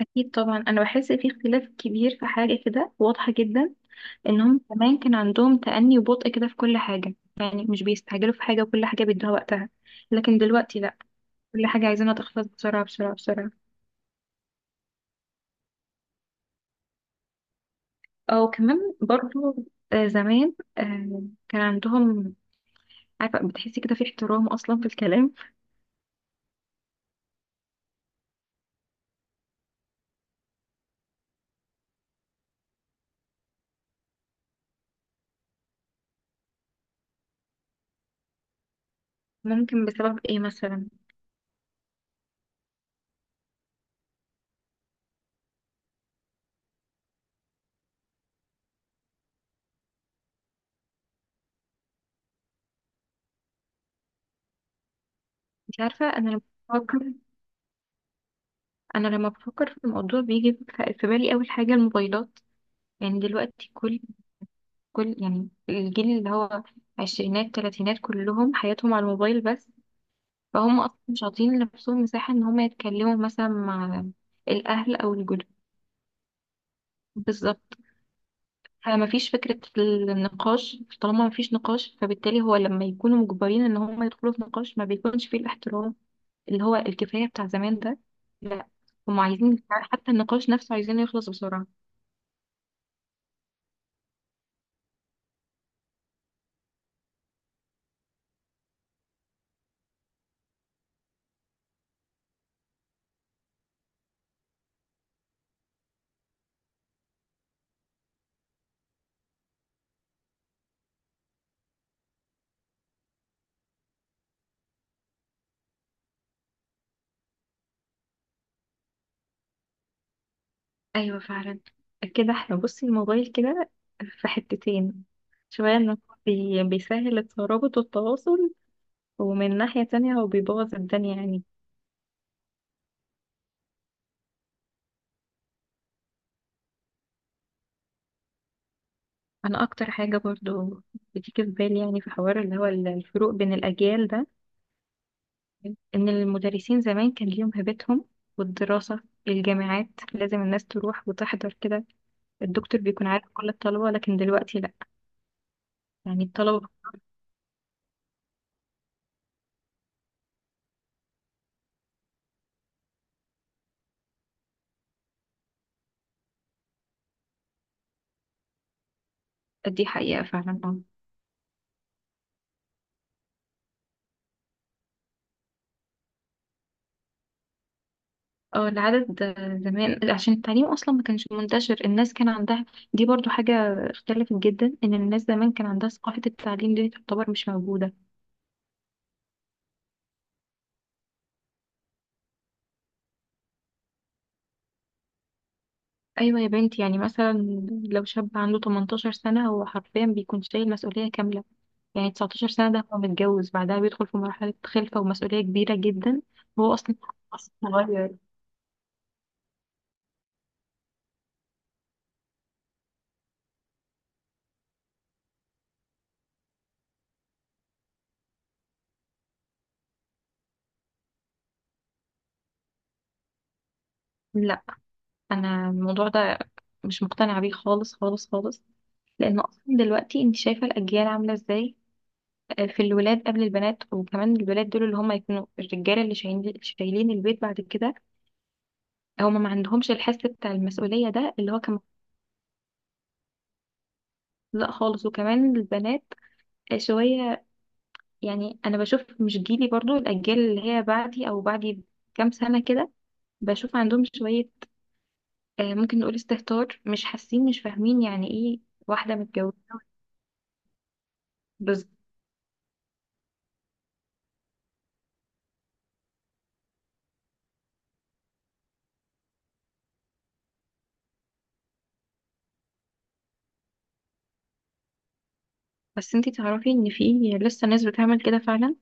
أكيد طبعا، أنا بحس في اختلاف كبير. في حاجة كده واضحة جدا، إنهم زمان كان عندهم تأني وبطء كده في كل حاجة، يعني مش بيستعجلوا في حاجة وكل حاجة بيدوها وقتها. لكن دلوقتي لأ، كل حاجة عايزينها تخلص بسرعة بسرعة بسرعة، أو كمان برضو. زمان كان عندهم، عارفة، بتحسي كده في احترام أصلا في الكلام. ممكن بسبب إيه مثلا؟ أنت عارفة، بفكر أنا لما بفكر في الموضوع بيجي في بالي أول حاجة الموبايلات. يعني دلوقتي كل يعني الجيل اللي هو عشرينات تلاتينات كلهم حياتهم على الموبايل بس. فهم أصلا مش عاطين لنفسهم مساحة إن هم يتكلموا مثلا مع الأهل أو الجدود. بالظبط، فمفيش فكرة النقاش. طالما مفيش نقاش، فبالتالي هو لما يكونوا مجبرين إن هم يدخلوا في نقاش ما بيكونش فيه الاحترام اللي هو الكفاية بتاع زمان ده. لا، هم عايزين حتى النقاش نفسه عايزينه يخلص بسرعة. ايوه فعلا، كده احنا بصي الموبايل كده في حتتين، شوية انه بيسهل الترابط والتواصل، ومن ناحية تانية هو بيبوظ الدنيا يعني. انا اكتر حاجة برضو بتيجي في بالي يعني في حوار اللي هو الفروق بين الاجيال ده، ان المدرسين زمان كان ليهم هيبتهم، والدراسة، الجامعات، لازم الناس تروح وتحضر كده، الدكتور بيكون عارف كل الطلبة. لكن دلوقتي لا، يعني الطلبة. دي حقيقة فعلا آه. اه، العدد. زمان عشان التعليم اصلا ما كانش منتشر، الناس كان عندها، دي برضو حاجة اختلفت جدا، ان الناس زمان كان عندها ثقافة التعليم دي تعتبر مش موجودة. ايوه يا بنتي، يعني مثلا لو شاب عنده 18 سنة هو حرفيا بيكون شايل مسؤولية كاملة. يعني 19 سنة ده هو متجوز، بعدها بيدخل في مرحلة خلفة ومسؤولية كبيرة جدا، وهو أصلاً صغير. لا، انا الموضوع ده مش مقتنعة بيه خالص خالص خالص. لان اصلا دلوقتي انت شايفه الاجيال عامله ازاي، في الولاد قبل البنات، وكمان الولاد دول اللي هم يكونوا الرجاله اللي شايلين البيت بعد كده، هم ما عندهمش الحس بتاع المسؤوليه ده اللي هو كان. لا خالص. وكمان البنات شويه، يعني انا بشوف مش جيلي، برضو الاجيال اللي هي بعدي او بعدي كام سنه كده، بشوف عندهم شويه ممكن نقول استهتار، مش حاسين مش فاهمين يعني ايه واحده متجوزه. بس بس انتي تعرفي ان في لسه ناس بتعمل كده فعلا.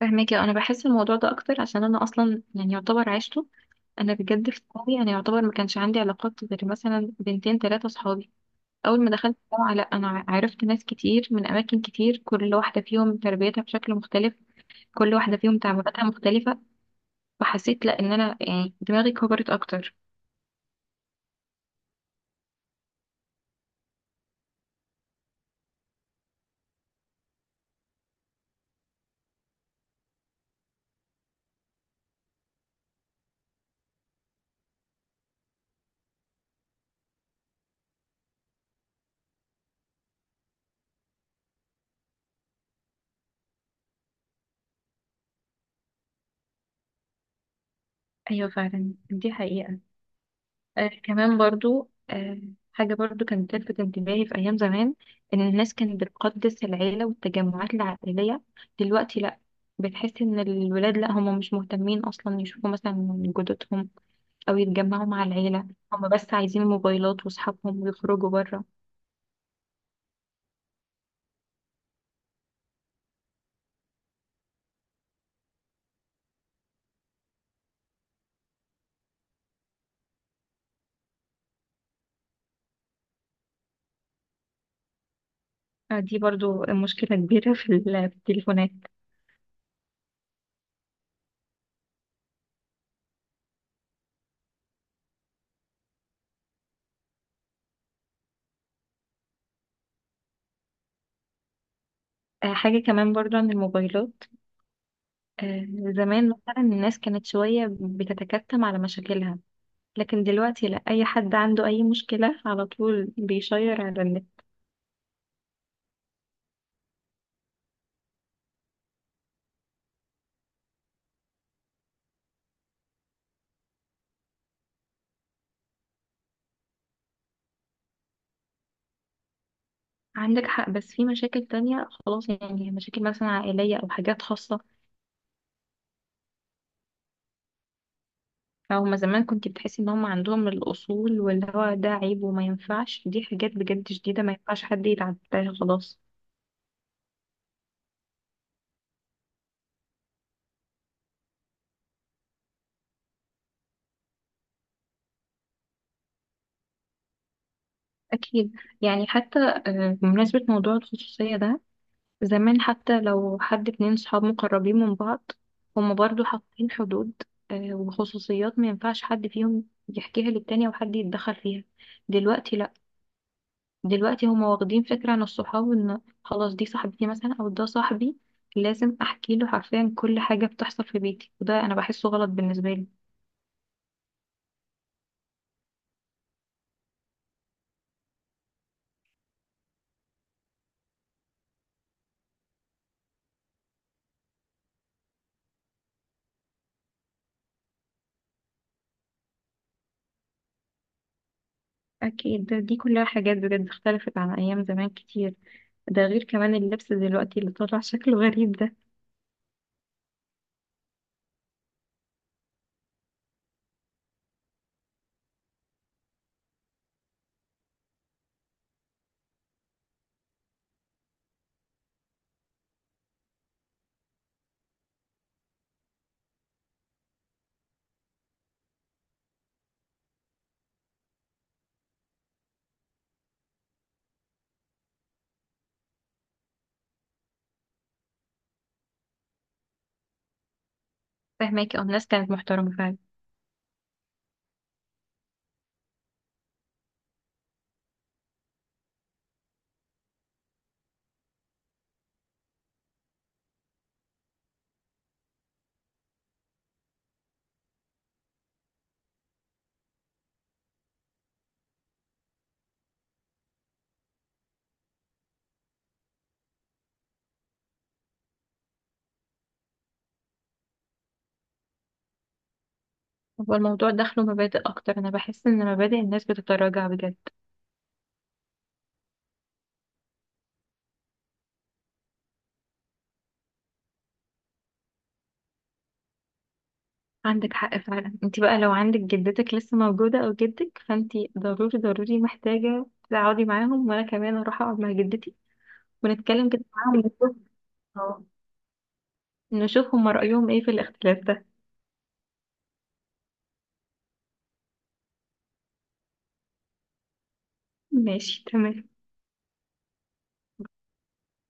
فاهماكي، انا بحس الموضوع ده اكتر عشان انا اصلا يعني يعتبر عشته. انا بجد في ثانوي انا يعتبر ما كانش عندي علاقات غير مثلا بنتين ثلاثه صحابي. اول ما دخلت الجامعه لا، انا عرفت ناس كتير من اماكن كتير، كل واحده فيهم تربيتها بشكل مختلف، كل واحده فيهم تعاملاتها مختلفه، فحسيت لا ان انا يعني دماغي كبرت اكتر. ايوه فعلا، دي حقيقه. كمان برضو حاجه برضو كانت تلفت انتباهي في ايام زمان، ان الناس كانت بتقدس العيله والتجمعات العائليه. دلوقتي لا، بتحس ان الولاد لا هم مش مهتمين اصلا يشوفوا مثلا جدتهم أو يتجمعوا مع العيلة، هم بس عايزين الموبايلات وأصحابهم ويخرجوا بره. دي برضو مشكلة كبيرة في التليفونات. حاجة كمان برضو عن الموبايلات، آه، زمان مثلا الناس كانت شوية بتتكتم على مشاكلها، لكن دلوقتي لا، أي حد عنده أي مشكلة على طول بيشير على النت. عندك حق، بس في مشاكل تانية خلاص يعني، مشاكل مثلا عائلية أو حاجات خاصة. هما زمان كنت بتحسي ان هما عندهم الاصول، واللي هو ده عيب وما ينفعش، دي حاجات بجد شديدة ما ينفعش حد يتعداها خلاص. اكيد. يعني حتى بمناسبة موضوع الخصوصية ده، زمان حتى لو حد اتنين صحاب مقربين من بعض، هما برضو حاطين حدود وخصوصيات ما ينفعش حد فيهم يحكيها للتاني او حد يتدخل فيها. دلوقتي دلوقتي هما واخدين فكرة عن الصحاب ان خلاص دي صاحبتي مثلا او ده صاحبي، لازم احكي له حرفيا كل حاجة بتحصل في بيتي، وده انا بحسه غلط بالنسبة لي. اكيد، ده دي كلها حاجات بجد اختلفت عن ايام زمان كتير. ده غير كمان اللبس دلوقتي اللي طالع شكله غريب ده. فهماكي، اه، الناس كانت محترمة فعلا. هو الموضوع دخله مبادئ اكتر، انا بحس ان مبادئ الناس بتتراجع بجد. عندك حق فعلا. انت بقى لو عندك جدتك لسه موجودة او جدك، فانت ضروري ضروري محتاجة تقعدي معاهم، وانا كمان اروح اقعد مع جدتي ونتكلم كده معاهم ونشوف، اه، نشوف هما رأيهم ايه في الاختلاف ده. ماشي، تمام.